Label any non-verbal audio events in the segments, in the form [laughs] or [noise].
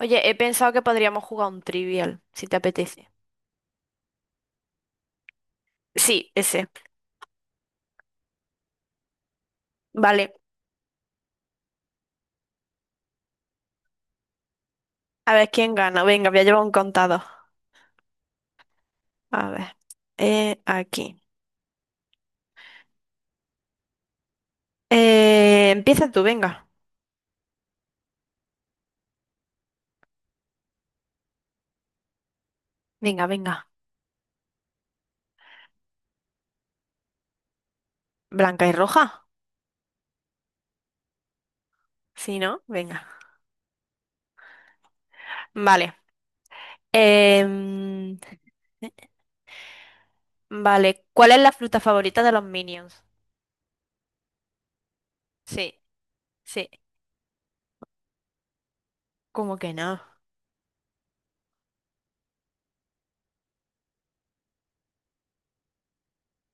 Oye, he pensado que podríamos jugar un trivial, si te apetece. Sí, ese. Vale. A ver quién gana. Venga, voy a llevar un contador. A ver. Aquí. Empieza tú, venga. Venga, venga. Blanca y roja. Sí, ¿no? Venga. Vale. Em, vale. ¿Cuál es la fruta favorita de los Minions? Sí, sí. ¿Cómo que no?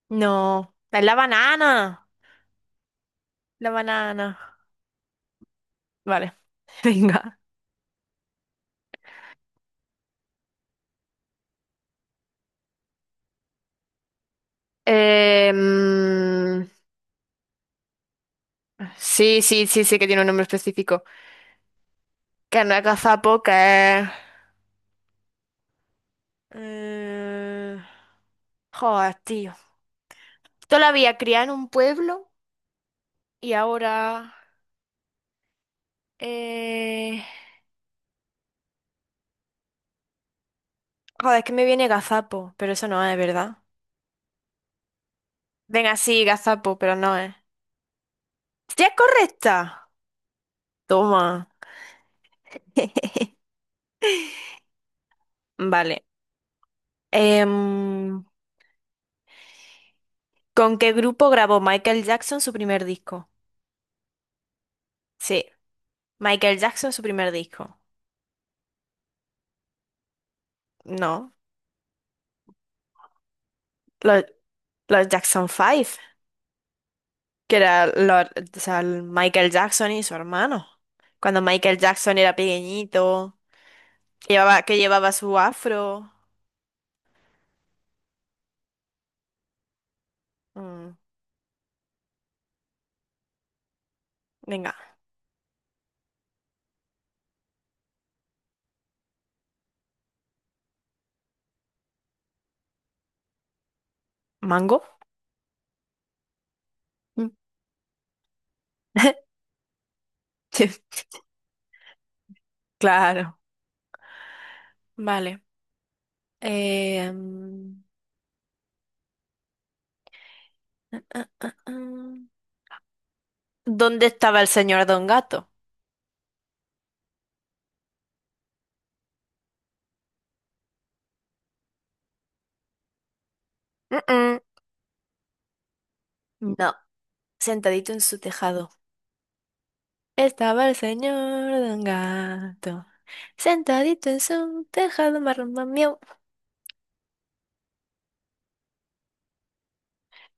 No. Es la banana. La banana. Vale. [laughs] Venga. Em, Sí, sí, sí, sí que tiene un nombre específico. Que no es gazapo, que es... eh, Joder, tío. Yo la había criado en un pueblo y ahora... Eh... Joder, es que me viene gazapo, pero eso no es, ¿verdad? Venga, sí, gazapo, pero no es. ¡Sí es correcta! Toma. [laughs] Vale. Em, ¿Con qué grupo grabó Michael Jackson su primer disco? Sí, Michael Jackson su primer disco. No. Los, los Jackson Five, que era o sea, el Michael Jackson y su hermano. Cuando Michael Jackson era pequeñito, que llevaba su afro. Mm, Venga, ¿mango? Mm. [laughs] Sí, claro, vale. Eh, mm, ah, ah, ah, ah. ¿Dónde estaba el señor Don Gato? Mm, mm. No, sentadito en su tejado. Estaba el señor Don Gato, sentadito en su tejado, marrón.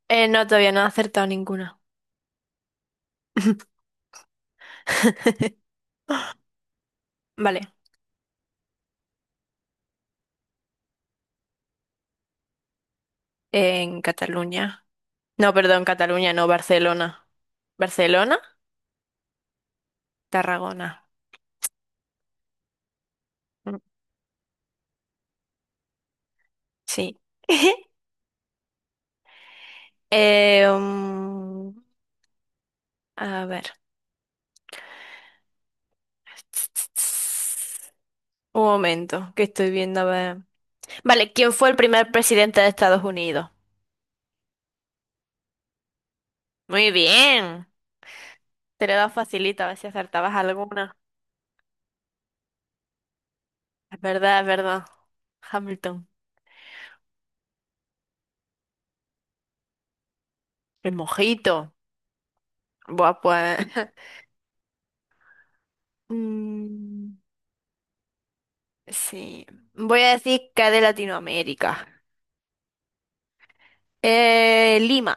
No, todavía no he acertado ninguna. [laughs] Vale, en Cataluña. No, perdón, Cataluña, no, Barcelona. ¿Barcelona? Tarragona. Mm, sí. [laughs] Eh, um, a ver. Un momento, que estoy viendo, a ver. Vale, ¿quién fue el primer presidente de Estados Unidos? Muy bien. Te lo he dado facilita, a ver si acertabas alguna. Es verdad, es verdad. Hamilton. El mojito. Buah, pues. [laughs] Mm, sí. Voy a decir que de Latinoamérica. Lima.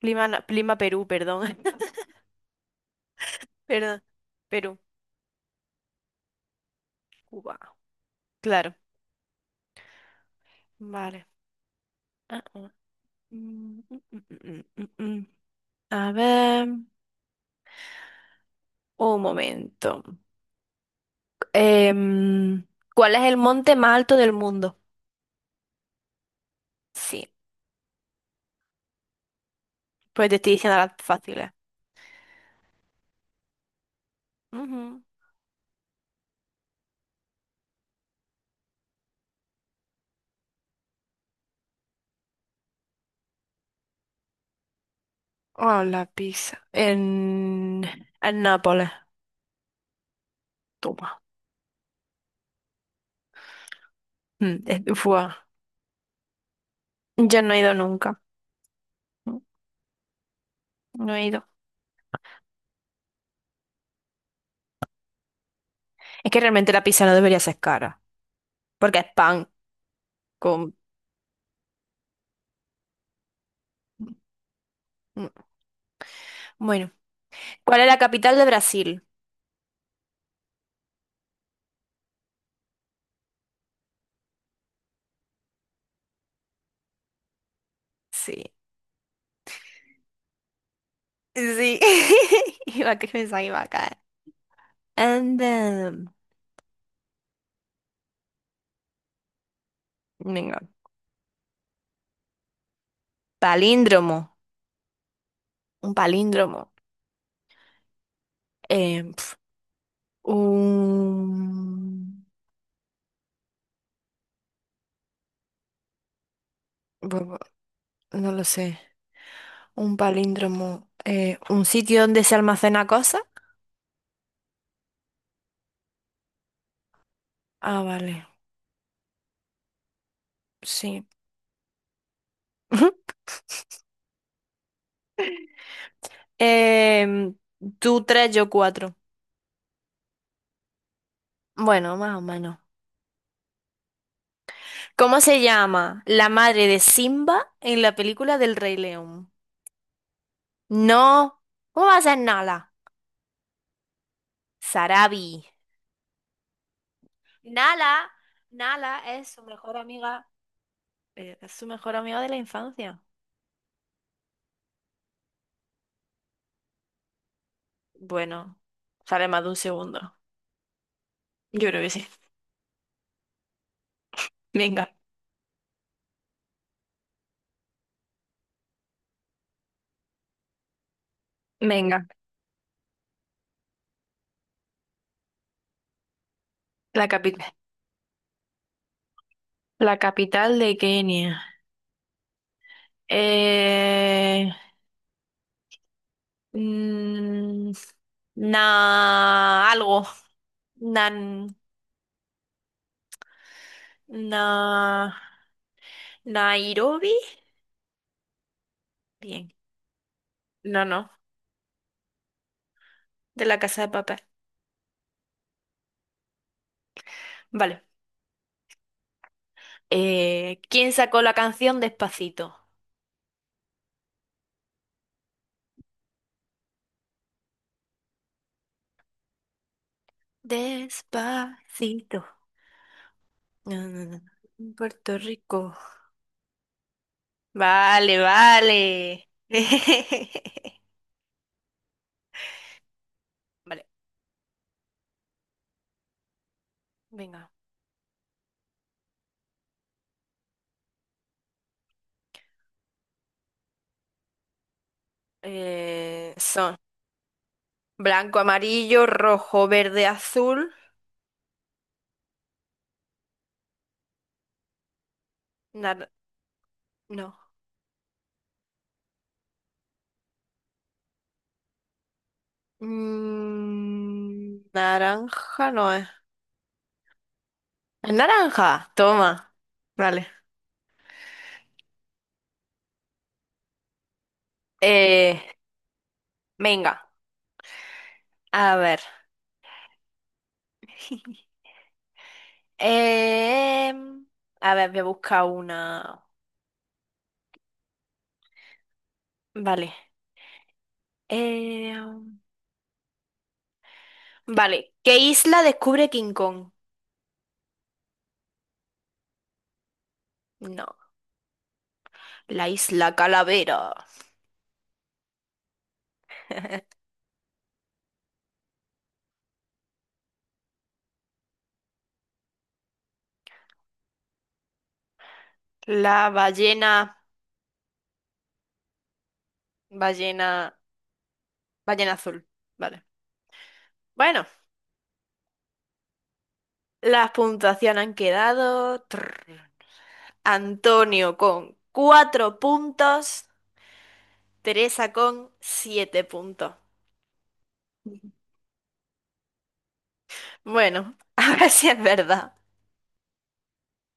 Lima, Perú, perdón. [laughs] Perdón. Perú, Cuba. Claro. Vale. Ah, ah. Mm, mm, mm, mm, mm, mm. A ver. Un momento. Em, ¿Cuál es el monte más alto del mundo? Sí. Pues te estoy diciendo las fáciles. Ujú. Oh, la pizza. En Nápoles. Toma. Fue. Yo no he ido nunca. No no he ido. Es que realmente la pizza no debería ser cara, porque es pan con... Mm. Bueno, ¿cuál es la capital de Brasil? Sí, sí. [laughs] Iba a pensar que iba a caer. And then, venga, palíndromo, un palíndromo. Eh, pf, un... bueno, no lo sé. Un palíndromo. Un sitio donde se almacena cosa. Ah, vale, sí. [laughs] Eh, Tú tres, yo cuatro. Bueno, más o menos. ¿Cómo se llama la madre de Simba en la película del Rey León? No. ¿Cómo va a ser Nala? Sarabi. Nala, Nala es su mejor amiga, es su mejor amiga de la infancia. Bueno, sale más de un segundo. Yo creo que sí. Venga, venga. La capital, la capital de Kenia. Eh, Mm, Na, algo. Nan, na, Nairobi. Bien. No, no. De la Casa de Papel. Vale. ¿Quién sacó la canción Despacito? Despacito. No, no, no. En Puerto Rico. Vale, vale. [laughs] Vale, venga. Son blanco, amarillo, rojo, verde, azul. nar- No. Naranja no es. Es naranja, toma. Vale. Eh, Venga, a ver. [laughs] Em, a ver, voy a buscar una. Vale. Em, vale. ¿Qué isla descubre King Kong? No. La isla Calavera. La ballena. Ballena. Ballena azul. Vale. Bueno, las puntuaciones han quedado. Trrr. Antonio con cuatro puntos, Teresa con siete puntos. Bueno, [laughs] a ver si es verdad.